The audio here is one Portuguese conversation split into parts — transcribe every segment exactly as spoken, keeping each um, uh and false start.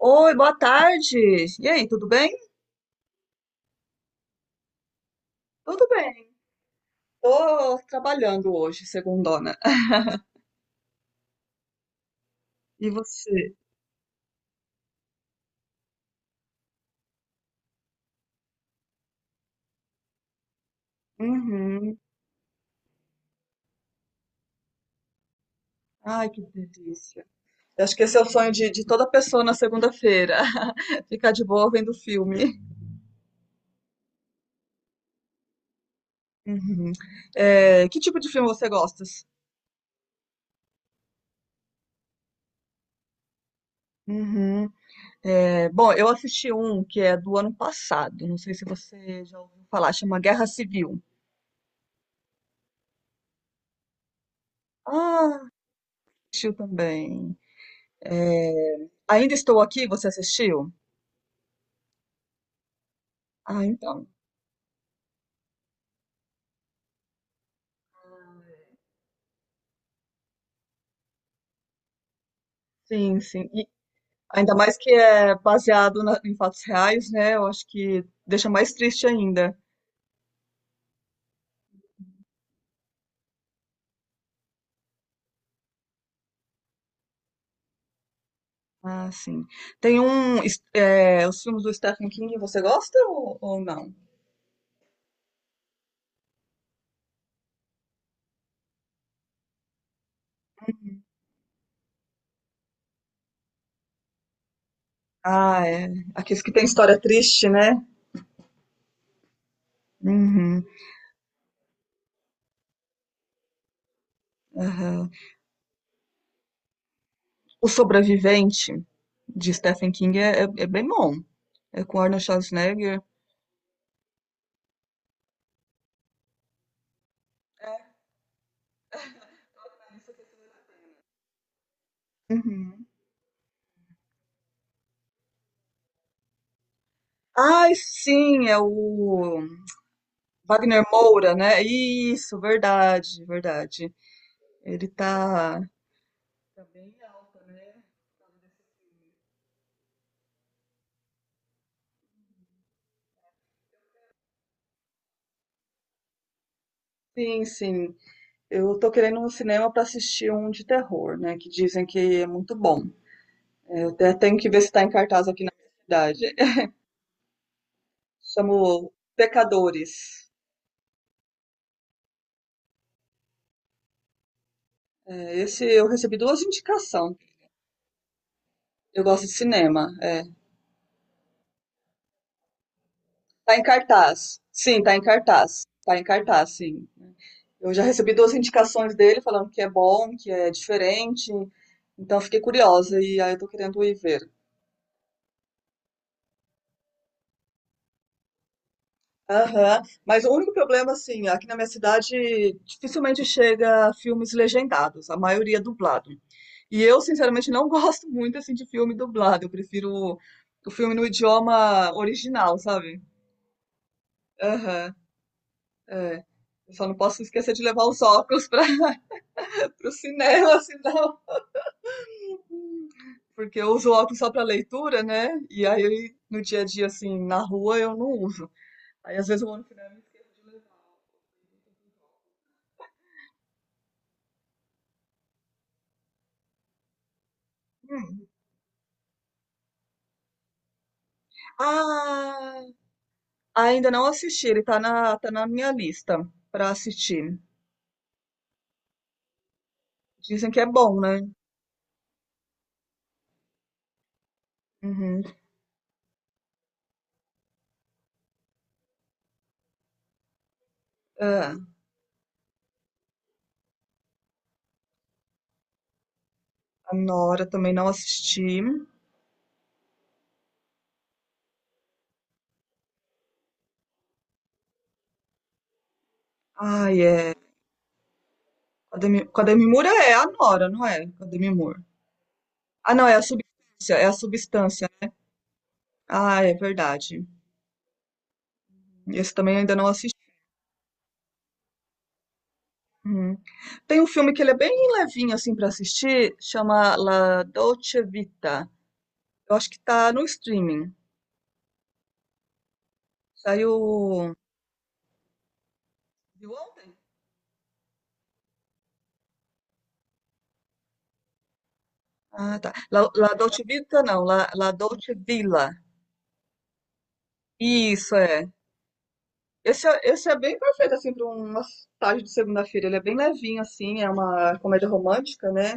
Oi, boa tarde. E aí, tudo bem? Tudo bem. Tô trabalhando hoje, segundona. E você? Uhum. Ai, que delícia. Eu acho que esse é o sonho de, de toda pessoa na segunda-feira. Ficar de boa vendo filme. Uhum. É, que tipo de filme você gosta? Uhum. É, bom, eu assisti um que é do ano passado. Não sei se você já ouviu falar. Chama Guerra Civil. Ah, assistiu também. É, Ainda Estou Aqui, você assistiu? Ah, então. Sim, sim. E ainda mais que é baseado na- em fatos reais, né? Eu acho que deixa mais triste ainda. Ah, sim. Tem um. es- é, os filmes do Stephen King, você gosta ou, ou não? Ah, é. Aqueles que têm história triste, né? Uhum, aham. O Sobrevivente de Stephen King é, é, é bem bom. É com Arnold Schwarzenegger. Uhum. Ai, sim, é o Wagner Moura, né? Isso, verdade, verdade. Ele tá. Tá bem alta, né? Sim, sim. Eu tô querendo um cinema para assistir um de terror, né? Que dizem que é muito bom. É, eu até tenho que ver se tá em cartaz aqui na minha cidade. Chamo Pecadores. É, esse eu recebi duas indicações. Eu gosto de cinema. É. Tá em cartaz. Sim, tá em cartaz. Tá em cartaz, sim. Eu já recebi duas indicações dele falando que é bom, que é diferente. Então fiquei curiosa e aí eu tô querendo ir ver. Aham. Mas o único problema, assim, aqui na minha cidade dificilmente chega filmes legendados, a maioria é dublado. E eu, sinceramente, não gosto muito, assim, de filme dublado. Eu prefiro o filme no idioma original, sabe? Aham, é. Eu só não posso esquecer de levar os óculos para o cinema, senão. Porque eu uso óculos só para leitura, né? E aí, no dia a dia, assim, na rua, eu não uso. Aí, às vezes, eu vou no cinema e esqueço de levar. Ah, ainda não assisti, ele tá na, tá na minha lista pra assistir. Dizem que é bom, né? Uhum. É, a Nora também não assisti. Ai, é. Com a Demi com a Demi Moore é a Nora, não é? Com a Demi Moore. Ah, não, é a substância, é a substância, né? Ah, é verdade. Esse também ainda não assisti. Uhum. Tem um filme que ele é bem levinho assim pra assistir, chama La Dolce Vita. Eu acho que tá no streaming. Saiu. Viu ontem? Ah, tá. La, La Dolce Vita, não. La, La Dolce Villa. Isso, é. Esse, é. Esse é bem perfeito, assim, para uma tarde de segunda-feira. Ele é bem levinho, assim. É uma comédia romântica, né?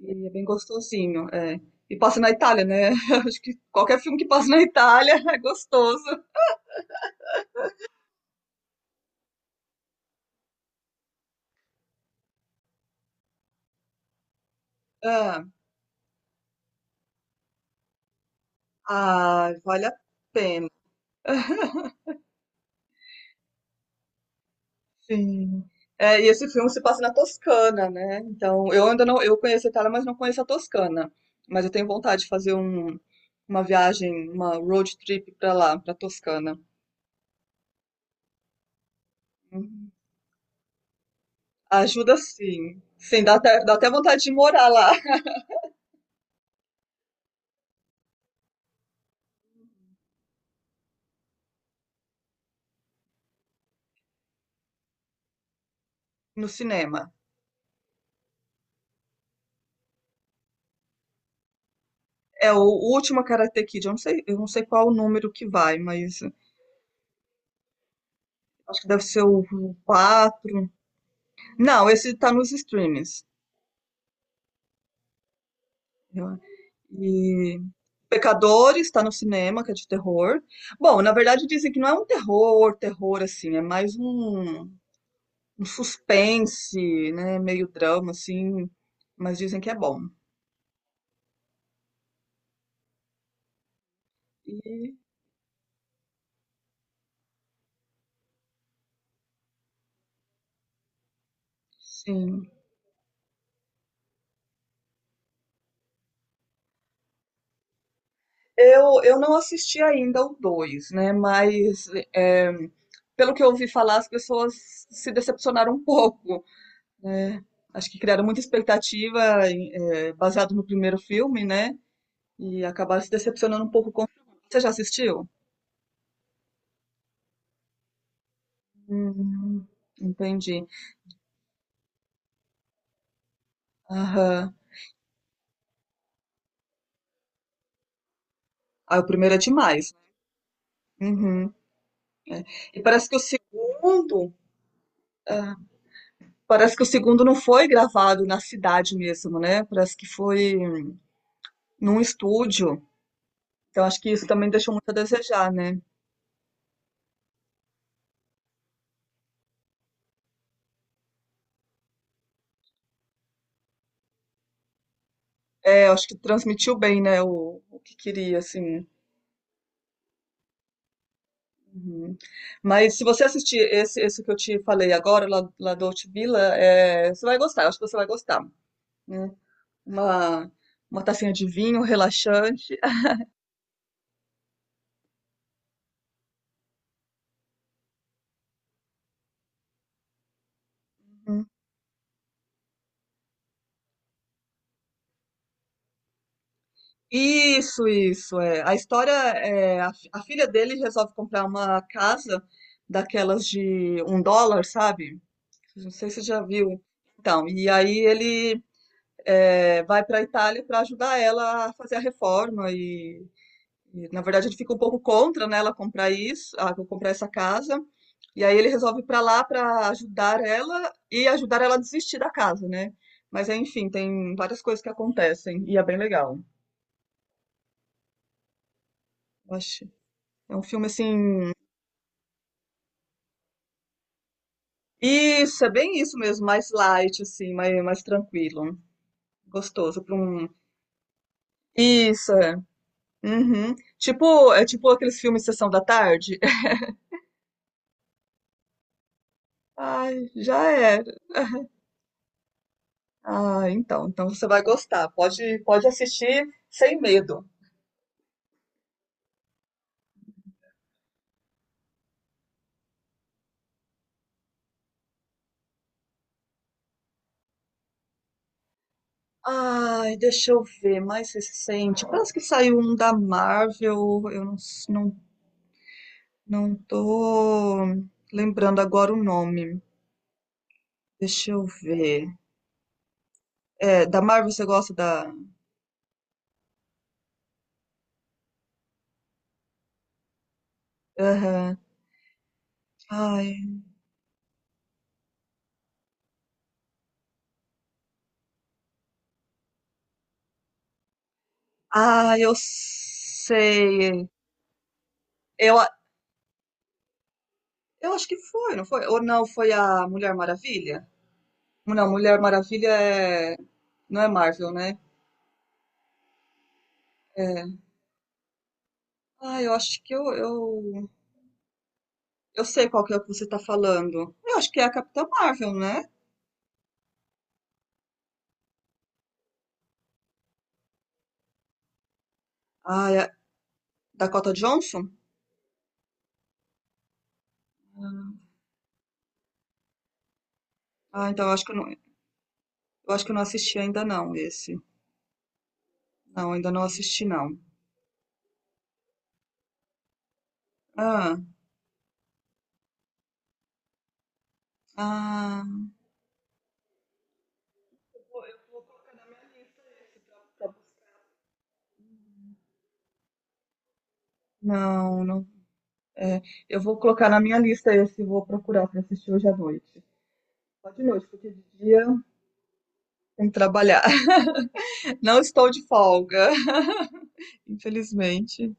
E é bem gostosinho, é. E passa na Itália, né? Acho que qualquer filme que passa na Itália é gostoso. Ah, ah, vale a pena. Sim. É, e esse filme se passa na Toscana, né? Então, eu ainda não, eu conheço a Itália, mas não conheço a Toscana. Mas eu tenho vontade de fazer um, uma viagem, uma road trip pra lá, pra Toscana. Uhum. Ajuda sim. Sim, dá até, dá até vontade de morar lá no cinema. É o, o último Karate Kid, eu não sei, eu não sei qual o número que vai, mas acho que deve ser o quatro. Não, esse tá nos streamings. Eu- E Pecadores está no cinema, que é de terror. Bom, na verdade dizem que não é um terror, terror assim, é mais um, um suspense, né, meio drama assim, mas dizem que é bom. E sim, eu eu não assisti ainda o dois, né, mas é, pelo que eu ouvi falar, as pessoas se decepcionaram um pouco, né? Acho que criaram muita expectativa em- é, baseado no primeiro filme, né? E acabaram se decepcionando um pouco com o filme. Você já assistiu? Hum, Entendi. Aham. Ah, o primeiro é demais, né? Uhum. E parece que o segundo, ah, parece que o segundo não foi gravado na cidade mesmo, né? Parece que foi num estúdio. Então acho que isso também deixou muito a desejar, né? É, acho que transmitiu bem, né? O, o que queria, assim. Uhum. Mas se você assistir esse, esse que eu te falei agora, La, La Dolce Villa, é, você vai gostar. Eu acho que você vai gostar, né? Uma, uma tacinha de vinho relaxante. Uhum. Isso, isso, é. A história é, a, fi- a filha dele resolve comprar uma casa daquelas de um dólar, sabe? Não sei se você já viu. Então, e aí ele é, vai para a Itália para ajudar ela a fazer a reforma e E, na verdade, ele fica um pouco contra, né, ela comprar isso, ela comprar essa casa. E aí ele resolve ir pra lá pra ajudar ela e ajudar ela a desistir da casa, né? Mas enfim, tem várias coisas que acontecem e é bem legal. Eu acho. É um filme assim. Isso, é bem isso mesmo, mais light, assim, mais, mais tranquilo. Gostoso pra um. Isso, é. Uhum. Tipo, é tipo aqueles filmes Sessão da Tarde. Ai, já é. Ah, então, então você vai gostar. Pode, pode assistir sem medo. Ai, deixa eu ver, mais recente. Parece que saiu um da Marvel, eu não, s- não, não tô lembrando agora o nome. Deixa eu ver. É, da Marvel você gosta da. Aham. Ai. Ah, eu sei. Eu, a- eu acho que foi, não foi? Ou não, foi a Mulher Maravilha? Não, Mulher Maravilha é, não é Marvel, né? É, ah, eu acho que eu, eu, eu sei qual que é o que você tá falando. Eu acho que é a Capitã Marvel, né? Ah, é a Dakota Johnson? Ah, então eu acho que eu não, eu acho que eu não assisti ainda não esse. Não, ainda não assisti não. Ah, ah, não, não. É, eu vou colocar na minha lista esse, e vou procurar pra assistir hoje à noite. Só de noite, porque de dia tem que trabalhar. Não estou de folga, infelizmente.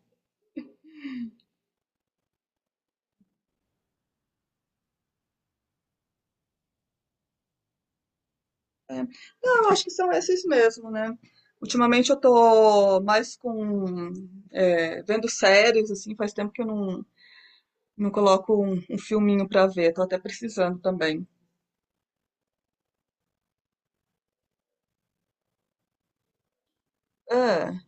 É. Não, eu acho que são esses mesmo, né? Ultimamente eu tô mais com é, vendo séries, assim, faz tempo que eu não, não coloco um, um filminho pra ver, tô até precisando também. É.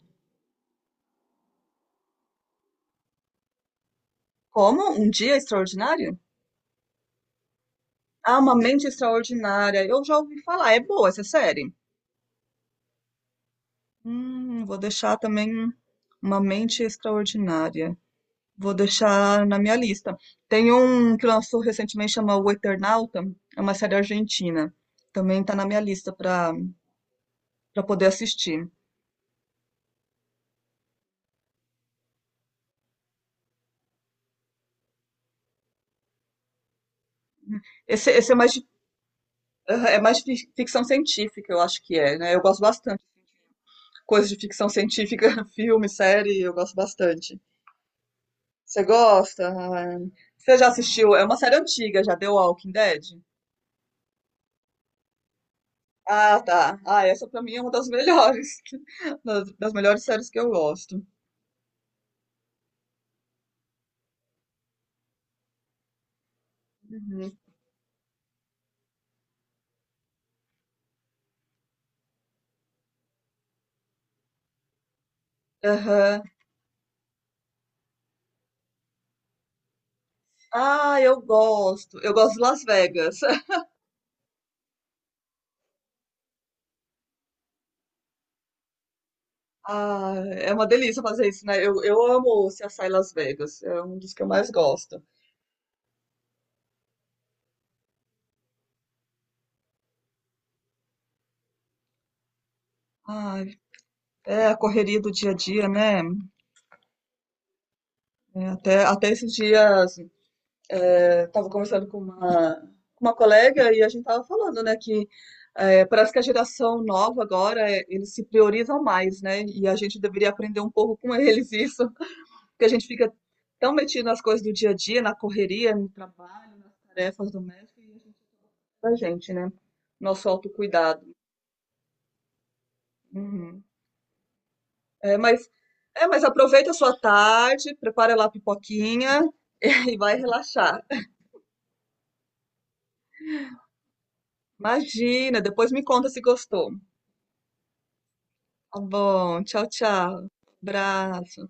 Como? Um Dia Extraordinário? Ah, Uma Mente Extraordinária. Eu já ouvi falar, é boa essa série. Hum, vou deixar também Uma Mente Extraordinária. Vou deixar na minha lista. Tem um que lançou recentemente, chama O Eternauta, é uma série argentina. Também está na minha lista para para poder assistir. Esse, esse é mais de, é mais de ficção científica, eu acho que é, né? Eu gosto bastante. Coisas de ficção científica, filme, série, eu gosto bastante. Você gosta? Ah, você já assistiu? É uma série antiga, já deu Walking Dead? Ah, tá. Ah, essa pra mim é uma das melhores, das das melhores séries que eu gosto. Uhum. Aham. Ah, eu gosto. Eu gosto de Las Vegas. Ah, é uma delícia fazer isso, né? Eu, eu amo o C S I Las Vegas. É um dos que eu mais gosto. Ai, é a correria do dia a dia, né? É, até, até esses dias, é, tava conversando com uma, com uma colega e a gente tava falando, né, que é, parece que a geração nova agora, é, eles se priorizam mais, né? E a gente deveria aprender um pouco com eles isso, porque a gente fica tão metido nas coisas do dia a dia, na correria, no trabalho, nas tarefas domésticas, e a gente pra gente, né? Nosso autocuidado. Uhum. É, mas, é, mas aproveita a sua tarde, prepara lá a pipoquinha e vai relaxar. Imagina, depois me conta se gostou. Tá bom, tchau, tchau. Abraço.